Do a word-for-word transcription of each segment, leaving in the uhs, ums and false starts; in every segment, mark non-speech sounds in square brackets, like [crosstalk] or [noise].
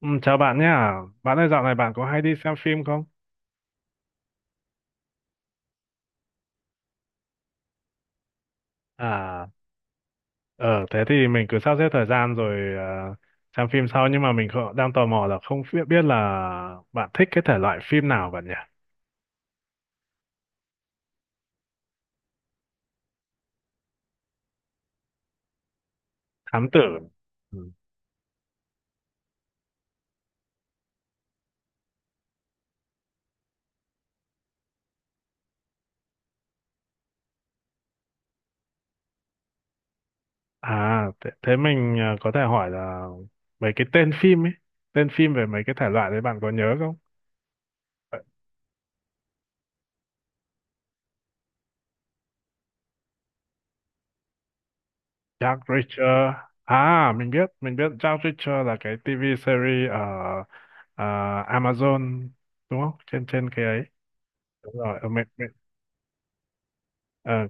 Ừ, chào bạn nhá. Bạn ơi, dạo này bạn có hay đi xem phim không? À, ờ thế thì mình cứ sắp xếp thời gian rồi, ờ, xem phim sau. Nhưng mà mình không, đang tò mò là không biết biết là bạn thích cái thể loại phim nào bạn nhỉ? Thám tử. Ừ. À, thế, thế mình ờ, có thể hỏi là mấy cái tên phim ấy, tên phim về mấy cái thể loại đấy bạn có nhớ không? Jack Reacher. À, mình biết, mình biết Jack Reacher là cái tê vê series ở ờ, Amazon đúng không? Trên trên cái ấy. Đúng rồi, ờ, mới, mới, ờ,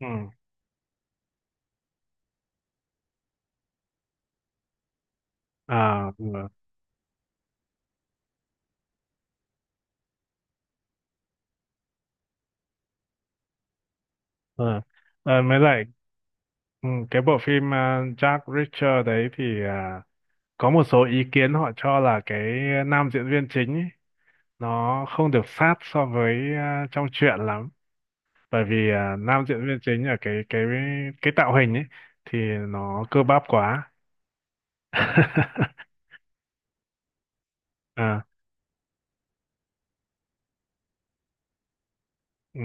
ừ, à, ừ, ờ. Ờ, mới lại ừ, cái bộ phim uh, Jack Reacher đấy thì à, có một số ý kiến họ cho là cái nam diễn viên chính ấy, nó không được sát so với à, trong truyện lắm, bởi vì à, nam diễn viên chính ở cái cái cái tạo hình ấy thì nó cơ bắp quá. [laughs] À, ừ,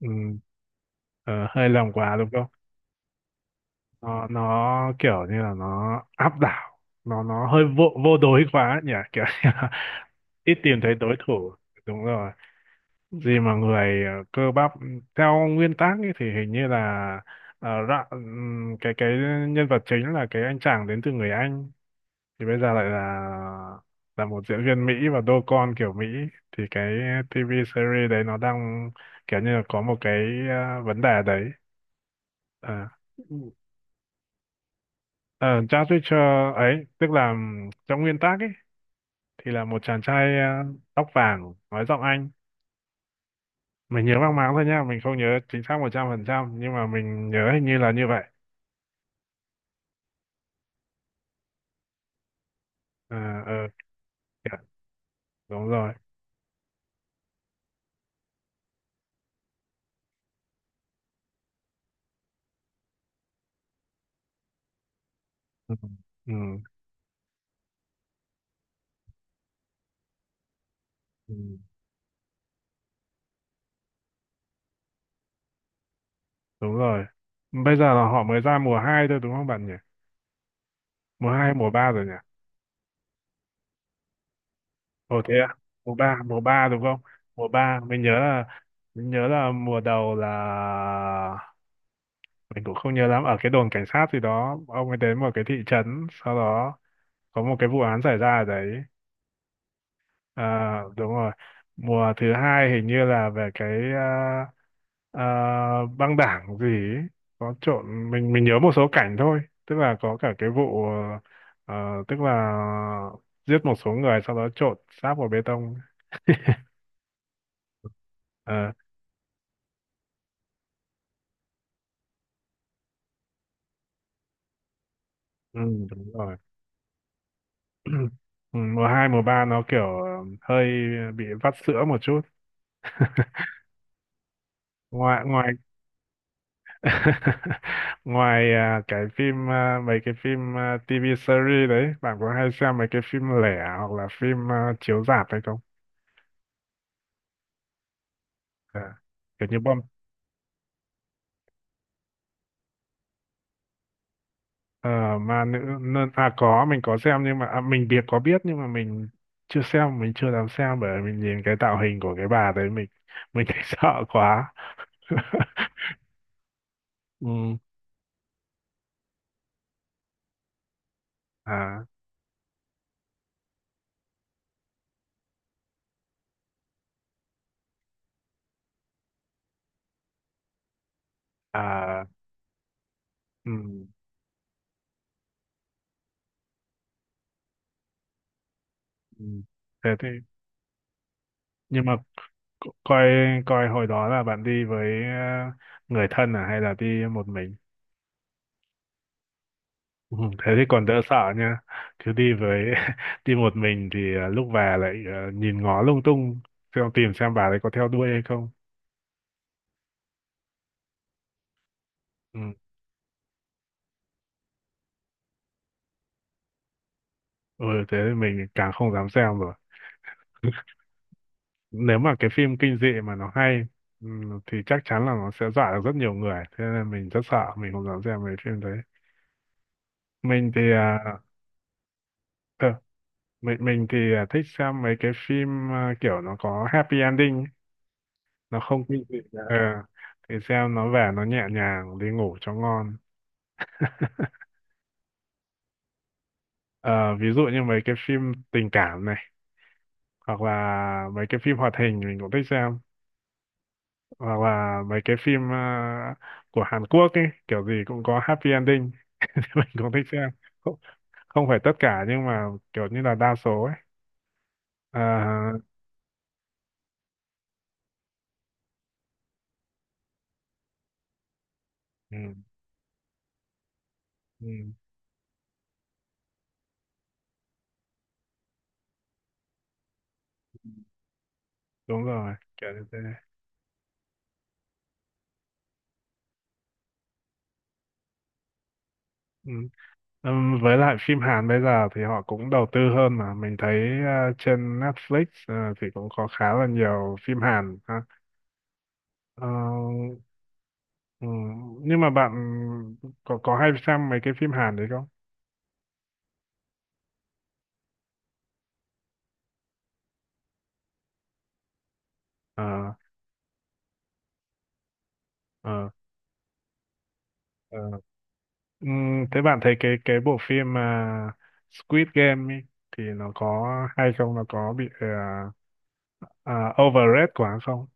ừ, ờ, hơi lòng quá đúng không? Nó nó kiểu như là nó áp đảo, nó nó hơi vô vô đối quá ấy nhỉ, kiểu như là [laughs] ít tìm thấy đối thủ. Đúng rồi, gì mà người ờ, cơ bắp theo nguyên tắc ấy, thì hình như là ờ, ra- ừm, cái cái nhân vật chính là cái anh chàng đến từ người Anh, thì bây giờ lại là là một diễn viên Mỹ và đô con kiểu Mỹ, thì cái tê vê series đấy nó đang kiểu như là có một cái ờ, vấn đề đấy. Ờ. Ờ, Jack Reacher ấy, tức là ừm, trong nguyên tác ấy, thì là một chàng trai ờ, tóc vàng, nói giọng Anh. Mình nhớ mang máng thôi nha, mình không nhớ chính xác một trăm phần trăm, nhưng mà mình nhớ hình như là như vậy. À, ờ, kìa, đúng rồi. Ừ, ừ, ừ, đúng rồi. Bây giờ là họ mới ra mùa hai thôi đúng không bạn nhỉ? Mùa hai mùa ba rồi nhỉ? Ồ thế à? Mùa ba mùa ba đúng không? Mùa ba mình nhớ là, mình nhớ là mùa đầu là mình cũng không nhớ lắm, ở cái đồn cảnh sát gì đó ông ấy đến một cái thị trấn, sau đó có một cái vụ án xảy ra ở đấy. À, đúng rồi, mùa thứ hai hình như là về cái à, à, băng đảng gì ấy. Có trộn, mình mình nhớ một số cảnh thôi, tức là có cả cái vụ ờ, tức là giết một số người sau đó trộn xác vào bê tông. Ờ, ừ, đúng rồi. [clears throat] Ừ, mùa hai mùa ba nó kiểu ờ, hơi bị vắt sữa một chút. [laughs] ngoài ngoài [laughs] ngoài à, cái phim à, mấy cái phim à, tê vê series đấy, bạn có hay xem mấy cái phim lẻ hoặc là phim à, chiếu rạp hay không? À, kiểu như bom à, ma nữ nơ- à, có, mình có xem, nhưng mà à, mình biết có biết, nhưng mà mình chưa xem, mình chưa dám xem, bởi vì mình nhìn cái tạo hình của cái bà đấy mình mình thấy [laughs] sợ quá. [laughs] Ừ. À, à, ừ, ừ. Thế thì, nhưng mà coi, coi hồi đó là bạn đi với ờ, người thân à, hay là đi một mình? Ừ, thế thì còn đỡ sợ nha, cứ đi với [laughs] đi một mình thì ờ, lúc về lại ờ, nhìn ngó lung tung, xem tìm xem bà ấy có theo đuôi hay không. Ừ. Ừ, thế thì mình càng không dám xem rồi, nếu mà cái phim kinh dị mà nó hay, ừ, thì chắc chắn là nó sẽ dọa được rất nhiều người, thế nên mình rất sợ, mình không dám xem mấy phim đấy. Mình thì ờ, ờ, mình mình thì à, thích xem mấy cái phim à, kiểu nó có happy ending ấy. Nó không kinh dị ờ, thì xem nó về nó nhẹ nhàng đi ngủ cho ngon. Ờ, ví dụ như mấy cái phim tình cảm này, hoặc là mấy cái phim hoạt hình mình cũng thích xem, hoặc là mấy cái phim ờ, của Hàn Quốc ấy, kiểu gì cũng có happy ending, [laughs] thì mình cũng thích xem. Không, không phải tất cả, nhưng mà kiểu như là đa số ấy. Ờ, ừ, ừ, đúng rồi kiểu như thế. Ừ. Ừm, với lại phim Hàn bây giờ thì họ cũng đầu tư hơn, mà mình thấy ờ, trên Netflix ờ, thì cũng có khá là nhiều phim Hàn ha. Ờ, ừm, nhưng mà bạn có có hay xem mấy cái phim Hàn đấy không? Ờ, ờ, ờ. Ừm, thế bạn thấy cái cái bộ phim mà Squid Game ấy, thì nó có hay không? Nó có bị ờ, ờ, overrated quá không?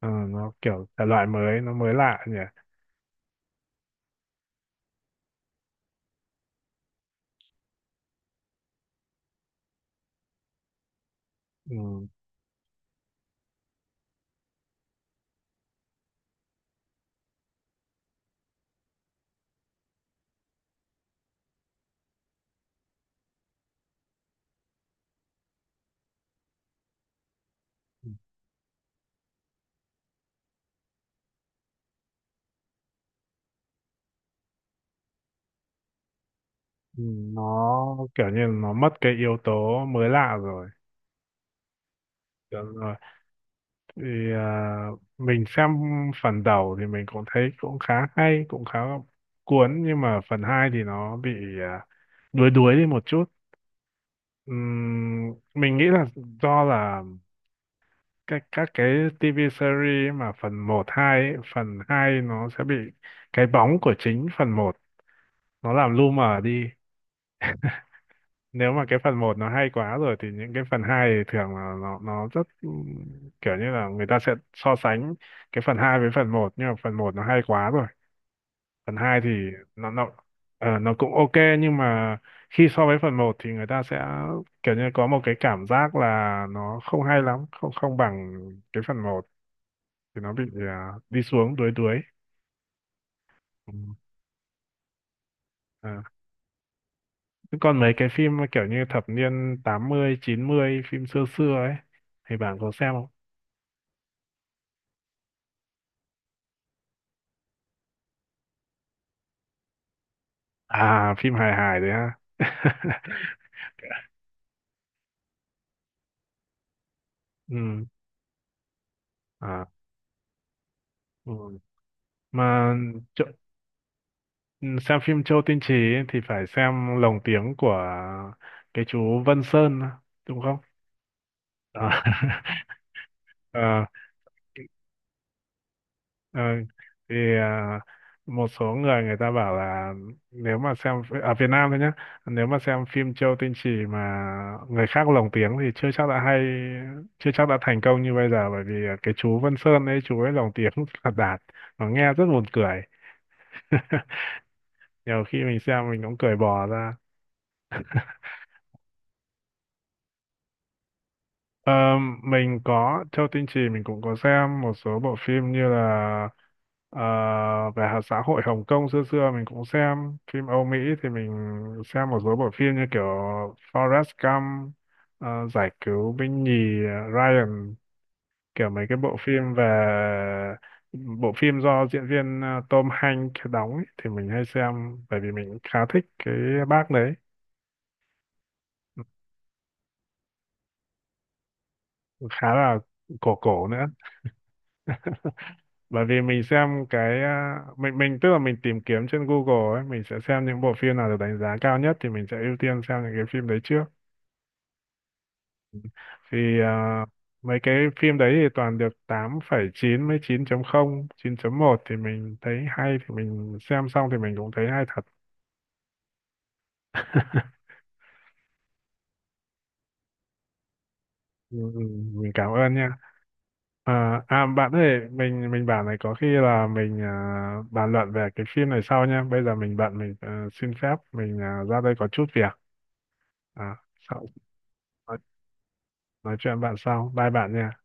Ờ, nó kiểu thể loại mới, nó mới lạ nhỉ? Ừ, nó kiểu như nó mất cái yếu tố mới lạ rồi. Đúng rồi, thì à, mình xem phần đầu thì mình cũng thấy cũng khá hay cũng khá cuốn, nhưng mà phần hai thì nó bị à, đuối đuối đi một chút. Ừm, mình nghĩ là do là các các cái tê vê series mà phần một hai ấy, phần hai nó sẽ bị cái bóng của chính phần một nó làm lu mờ đi. Nếu mà cái phần một nó hay quá rồi thì những cái phần hai thì thường là nó nó rất ừm, kiểu như là người ta sẽ so sánh cái phần hai với phần một, nhưng mà phần một nó hay quá rồi. Phần hai thì nó nó ờ, nó cũng ok, nhưng mà khi so với phần một thì người ta sẽ kiểu như có một cái cảm giác là nó không hay lắm, không không bằng cái phần một, thì nó bị à, đi xuống đuối đuối. Ừ. À. Thế còn mấy cái phim mà kiểu như thập niên tám mươi chín mươi, phim xưa xưa ấy, thì bạn có xem không? À, phim hài hài đấy ha. [laughs] Ừ. À, ừ. Mà chỗ, ừ, xem phim Châu Tinh Trì ấy thì phải xem lồng tiếng của cái chú Vân Sơn đúng không? À. [laughs] Ờ, ờ, thì à, một số người người ta bảo là nếu mà xem phi- ở Việt Nam thôi nhé, nếu mà xem phim Châu Tinh Chỉ mà người khác lồng tiếng thì chưa chắc đã hay, chưa chắc đã thành công như bây giờ, bởi vì à, cái chú Vân Sơn ấy chú ấy lồng tiếng [laughs] là đạt, nó nghe rất buồn cười. [laughs] Nhiều khi mình xem mình cũng cười bò ra. Ờ, mình có, Châu Tinh Chỉ mình cũng có xem một số bộ phim như là ờ, về hạt xã hội Hồng Kông xưa xưa. Mình cũng xem phim Âu Mỹ, thì mình xem một số bộ phim như kiểu Forrest Gump, ờ, giải cứu binh nhì, ờ, Ryan, kiểu mấy cái bộ phim về bộ phim do diễn viên ờ, Tom Hanks đóng ấy, thì mình hay xem bởi vì mình khá thích cái bác đấy. Khá là cổ cổ nữa, bởi vì mình xem cái à, mình mình tức là mình tìm kiếm trên Google ấy, mình sẽ xem những bộ phim nào được đánh giá cao nhất thì mình sẽ ưu tiên xem những cái phim đấy trước, thì à, mấy cái phim đấy thì toàn được tám phẩy chín với chín chấm không chín chấm một, thì mình thấy hay thì mình xem xong thì mình cũng thấy hay thật. [laughs] Ừ, ừ, mình cảm ơn nha. À, à bạn ơi, mình mình bảo này, có khi là mình à, bàn luận về cái phim này sau nha, bây giờ mình bận, mình à, xin phép mình à, ra đây có chút việc. À, sau, nói chuyện bạn sau, bye bạn nha.